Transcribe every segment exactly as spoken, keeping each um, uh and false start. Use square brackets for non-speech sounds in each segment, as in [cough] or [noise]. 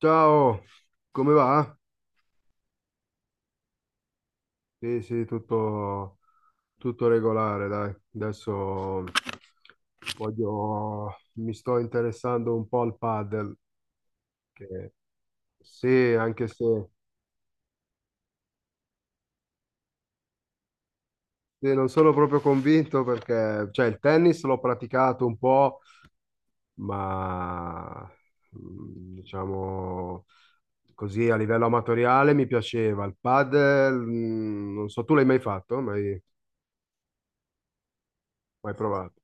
Ciao, come va? Sì, sì, tutto, tutto regolare, dai. Adesso voglio, mi sto interessando un po' al padel, che sì, anche se sì, non sono proprio convinto perché, cioè, il tennis l'ho praticato un po', ma mm, diciamo così a livello amatoriale mi piaceva. Il padel, mm, non so, tu l'hai mai fatto? Mai, mai provato?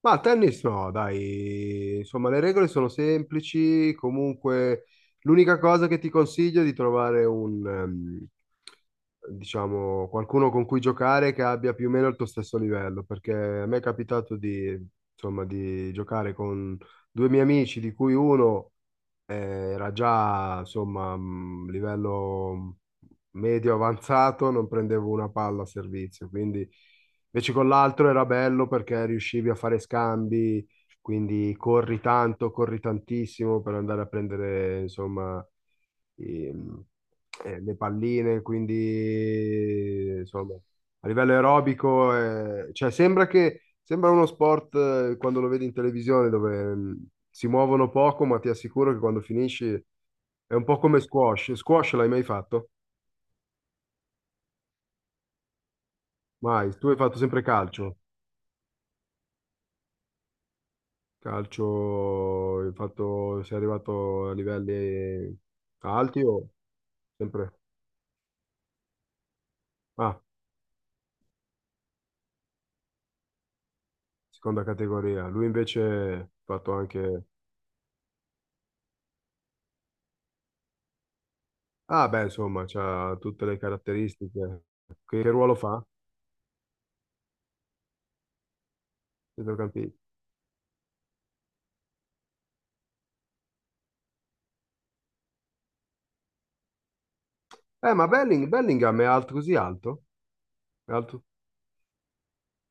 Ma al tennis no, dai, insomma le regole sono semplici, comunque l'unica cosa che ti consiglio è di trovare un, ehm, diciamo, qualcuno con cui giocare che abbia più o meno il tuo stesso livello, perché a me è capitato di, insomma, di giocare con due miei amici, di cui uno eh, era già, insomma, mh, livello medio avanzato, non prendevo una palla a servizio, quindi invece con l'altro era bello perché riuscivi a fare scambi, quindi corri tanto, corri tantissimo per andare a prendere, insomma, i- eh, le palline, quindi, insomma, a livello aerobico, eh, cioè sembra che sembra uno sport eh, quando lo vedi in televisione dove mh, si muovono poco, ma ti assicuro che quando finisci è un po' come squash. Squash l'hai mai fatto? Mai. Tu hai fatto sempre calcio. Calcio, hai fatto, sei arrivato a livelli alti o sempre? Ah, seconda categoria. Lui invece ha fatto anche... Ah, beh, insomma, ha tutte le caratteristiche. Che, che ruolo fa? Centrocampista. Eh, ma Belling- Bellingham è alto così alto? È alto,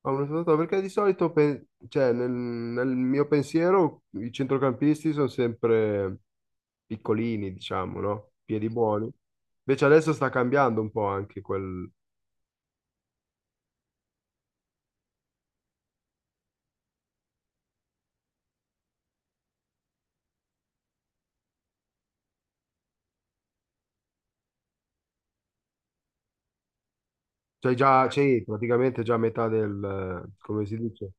ha un risultato- perché di solito, pe- cioè, nel, nel mio pensiero, i centrocampisti sono sempre piccolini, diciamo, no? Piedi buoni. Invece adesso sta cambiando un po' anche quel... Cioè già, c'è praticamente già metà del... eh, come si dice?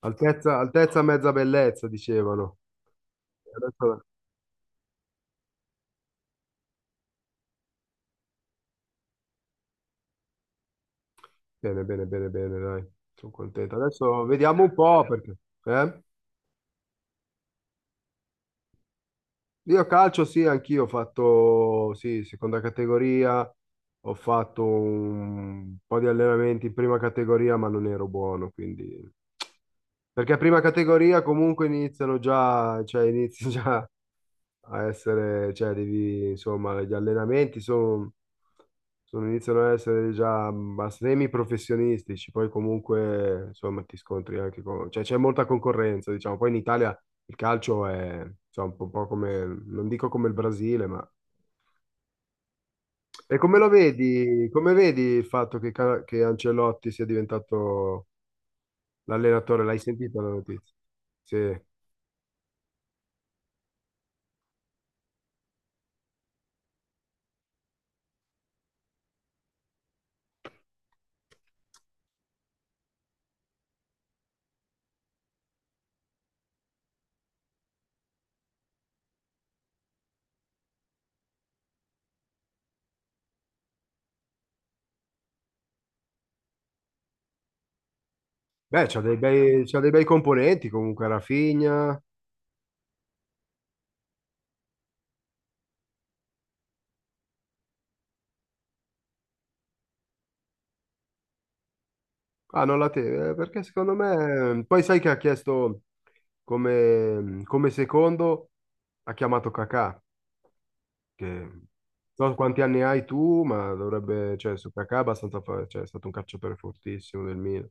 Altezza, altezza, mezza bellezza, dicevano. E adesso... Bene, bene, bene, bene, dai. Sono contento. Adesso vediamo un po' perché... Eh? Io calcio sì, anch'io ho fatto, sì, seconda categoria, ho fatto un po' di allenamenti in prima categoria, ma non ero buono, quindi... Perché prima categoria comunque iniziano già, cioè inizi [laughs] già a essere, cioè devi, insomma, gli allenamenti sono, sono- iniziano ad essere già ma semi professionistici, poi comunque, insomma, ti scontri anche con, cioè c'è molta concorrenza, diciamo, poi in Italia il calcio è, insomma, un po' un po' come, non dico come il Brasile, ma... E come lo vedi, come vedi il fatto che, Ca- che Ancelotti sia diventato l'allenatore? L'hai sentita la notizia? Sì. Beh, c'ha dei bei, c'ha dei bei componenti comunque, Rafinha. Ah, non la teve, eh, perché secondo me... Poi sai che ha chiesto come, come secondo, ha chiamato Kakà, che non so quanti anni hai tu, ma dovrebbe... Cioè, su Kakà è abbastanza... fa- Cioè, è stato un calciatore fortissimo del Milan.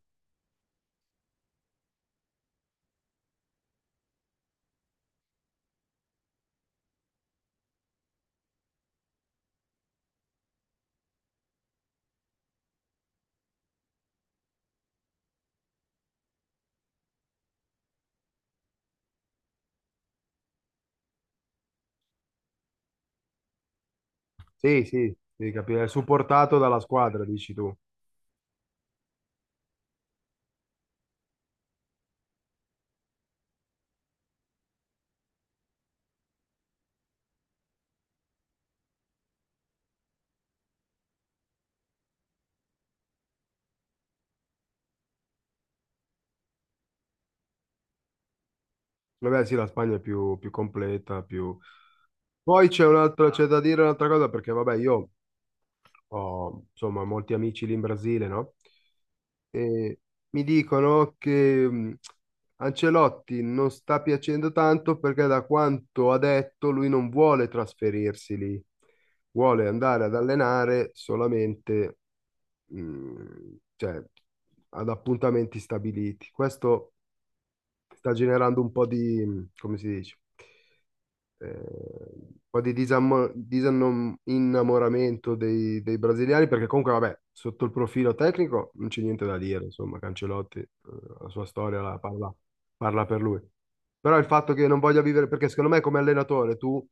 Sì, sì, devi capire, è supportato dalla squadra, dici tu. Vabbè, sì, la Spagna è più, più completa, più... Poi c'è un altro- c'è da dire un'altra cosa, perché vabbè, io ho, insomma, molti amici lì in Brasile, no? E mi dicono che mh, Ancelotti non sta piacendo tanto perché da quanto ha detto lui non vuole trasferirsi lì, vuole andare ad allenare solamente mh, cioè, ad appuntamenti stabiliti. Questo sta generando un po' di, mh, come si dice? eh, un po' di disam- disannom- innamoramento dei, dei brasiliani, perché comunque, vabbè, sotto il profilo tecnico non c'è niente da dire, insomma, Cancelotti, eh, la sua storia la parla, parla per lui. Però il fatto che non voglia vivere, perché secondo me come allenatore tu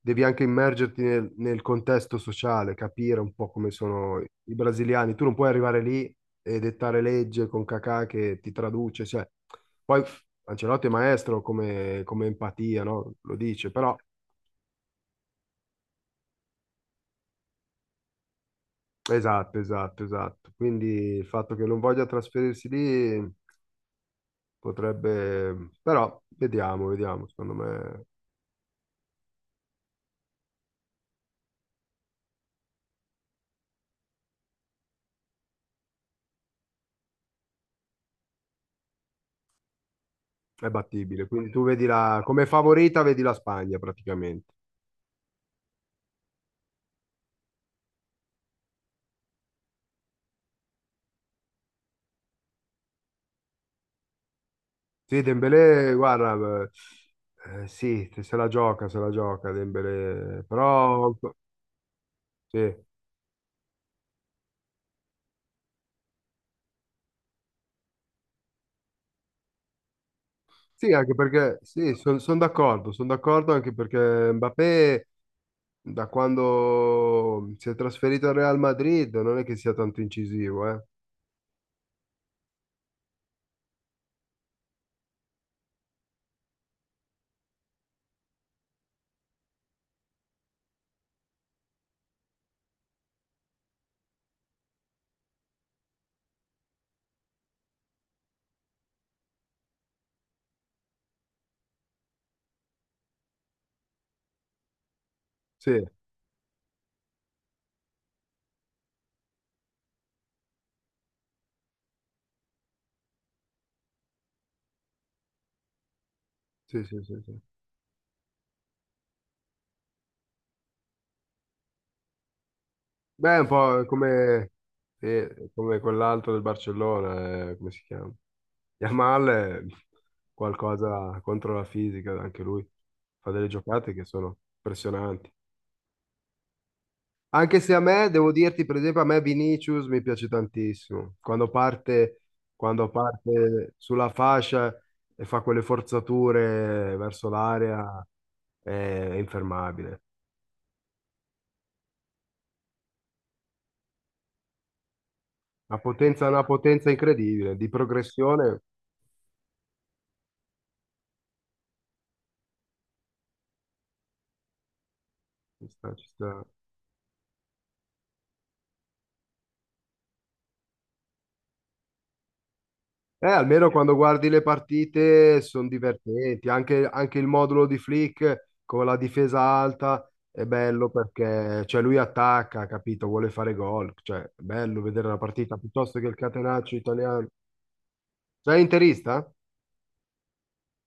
devi anche immergerti nel, nel contesto sociale, capire un po' come sono i brasiliani, tu non puoi arrivare lì e dettare legge con Kakà che ti traduce, cioè... Poi Ancelotti è maestro come, come empatia, no? Lo dice, però esatto, esatto, esatto. Quindi il fatto che non voglia trasferirsi lì potrebbe, però vediamo, vediamo, secondo me è battibile. Quindi tu vedi la, come favorita vedi la Spagna praticamente. Sì, Dembélé, guarda, eh, sì, se la gioca, se la gioca Dembélé, però sì. Sì, anche perché sì, sono d'accordo, sono d'accordo anche perché Mbappé da quando si è trasferito al Real Madrid non è che sia tanto incisivo, eh? Sì, sì, sì, sì, sì. Beh, è un po' come, sì, come quell'altro del Barcellona, eh, come si chiama? Yamal è qualcosa contro la fisica, anche lui fa delle giocate che sono impressionanti. Anche se a me, devo dirti, per esempio, a me Vinicius mi piace tantissimo. Quando parte, quando parte sulla fascia e fa quelle forzature verso l'area. è, è infermabile. Una potenza, una potenza incredibile, di progressione. Ci sta, ci sta. Eh, almeno quando guardi le partite sono divertenti, anche, anche il modulo di Flick con la difesa alta è bello perché cioè, lui attacca, capito? Vuole fare gol, cioè è bello vedere la partita piuttosto che il catenaccio italiano. Sei interista?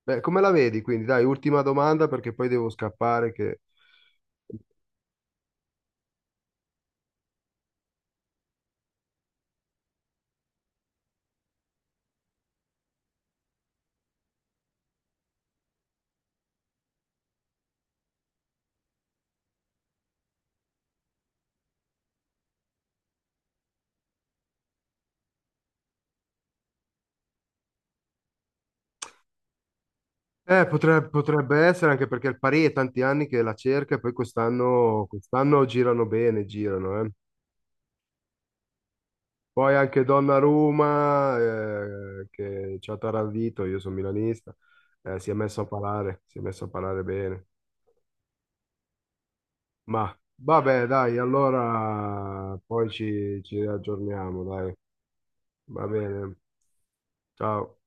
Beh, come la vedi? Quindi dai, ultima domanda perché poi devo scappare che... Eh, potre- potrebbe essere anche perché il Pari è tanti anni che la cerca e poi quest'anno quest'anno girano bene, girano. Eh. Poi anche Donnarumma, eh, che ci ha taravito, io sono milanista, eh, si è messo a parlare, si è messo a parlare bene. Ma vabbè, dai, allora poi ci, ci aggiorniamo, dai. Va bene, ciao.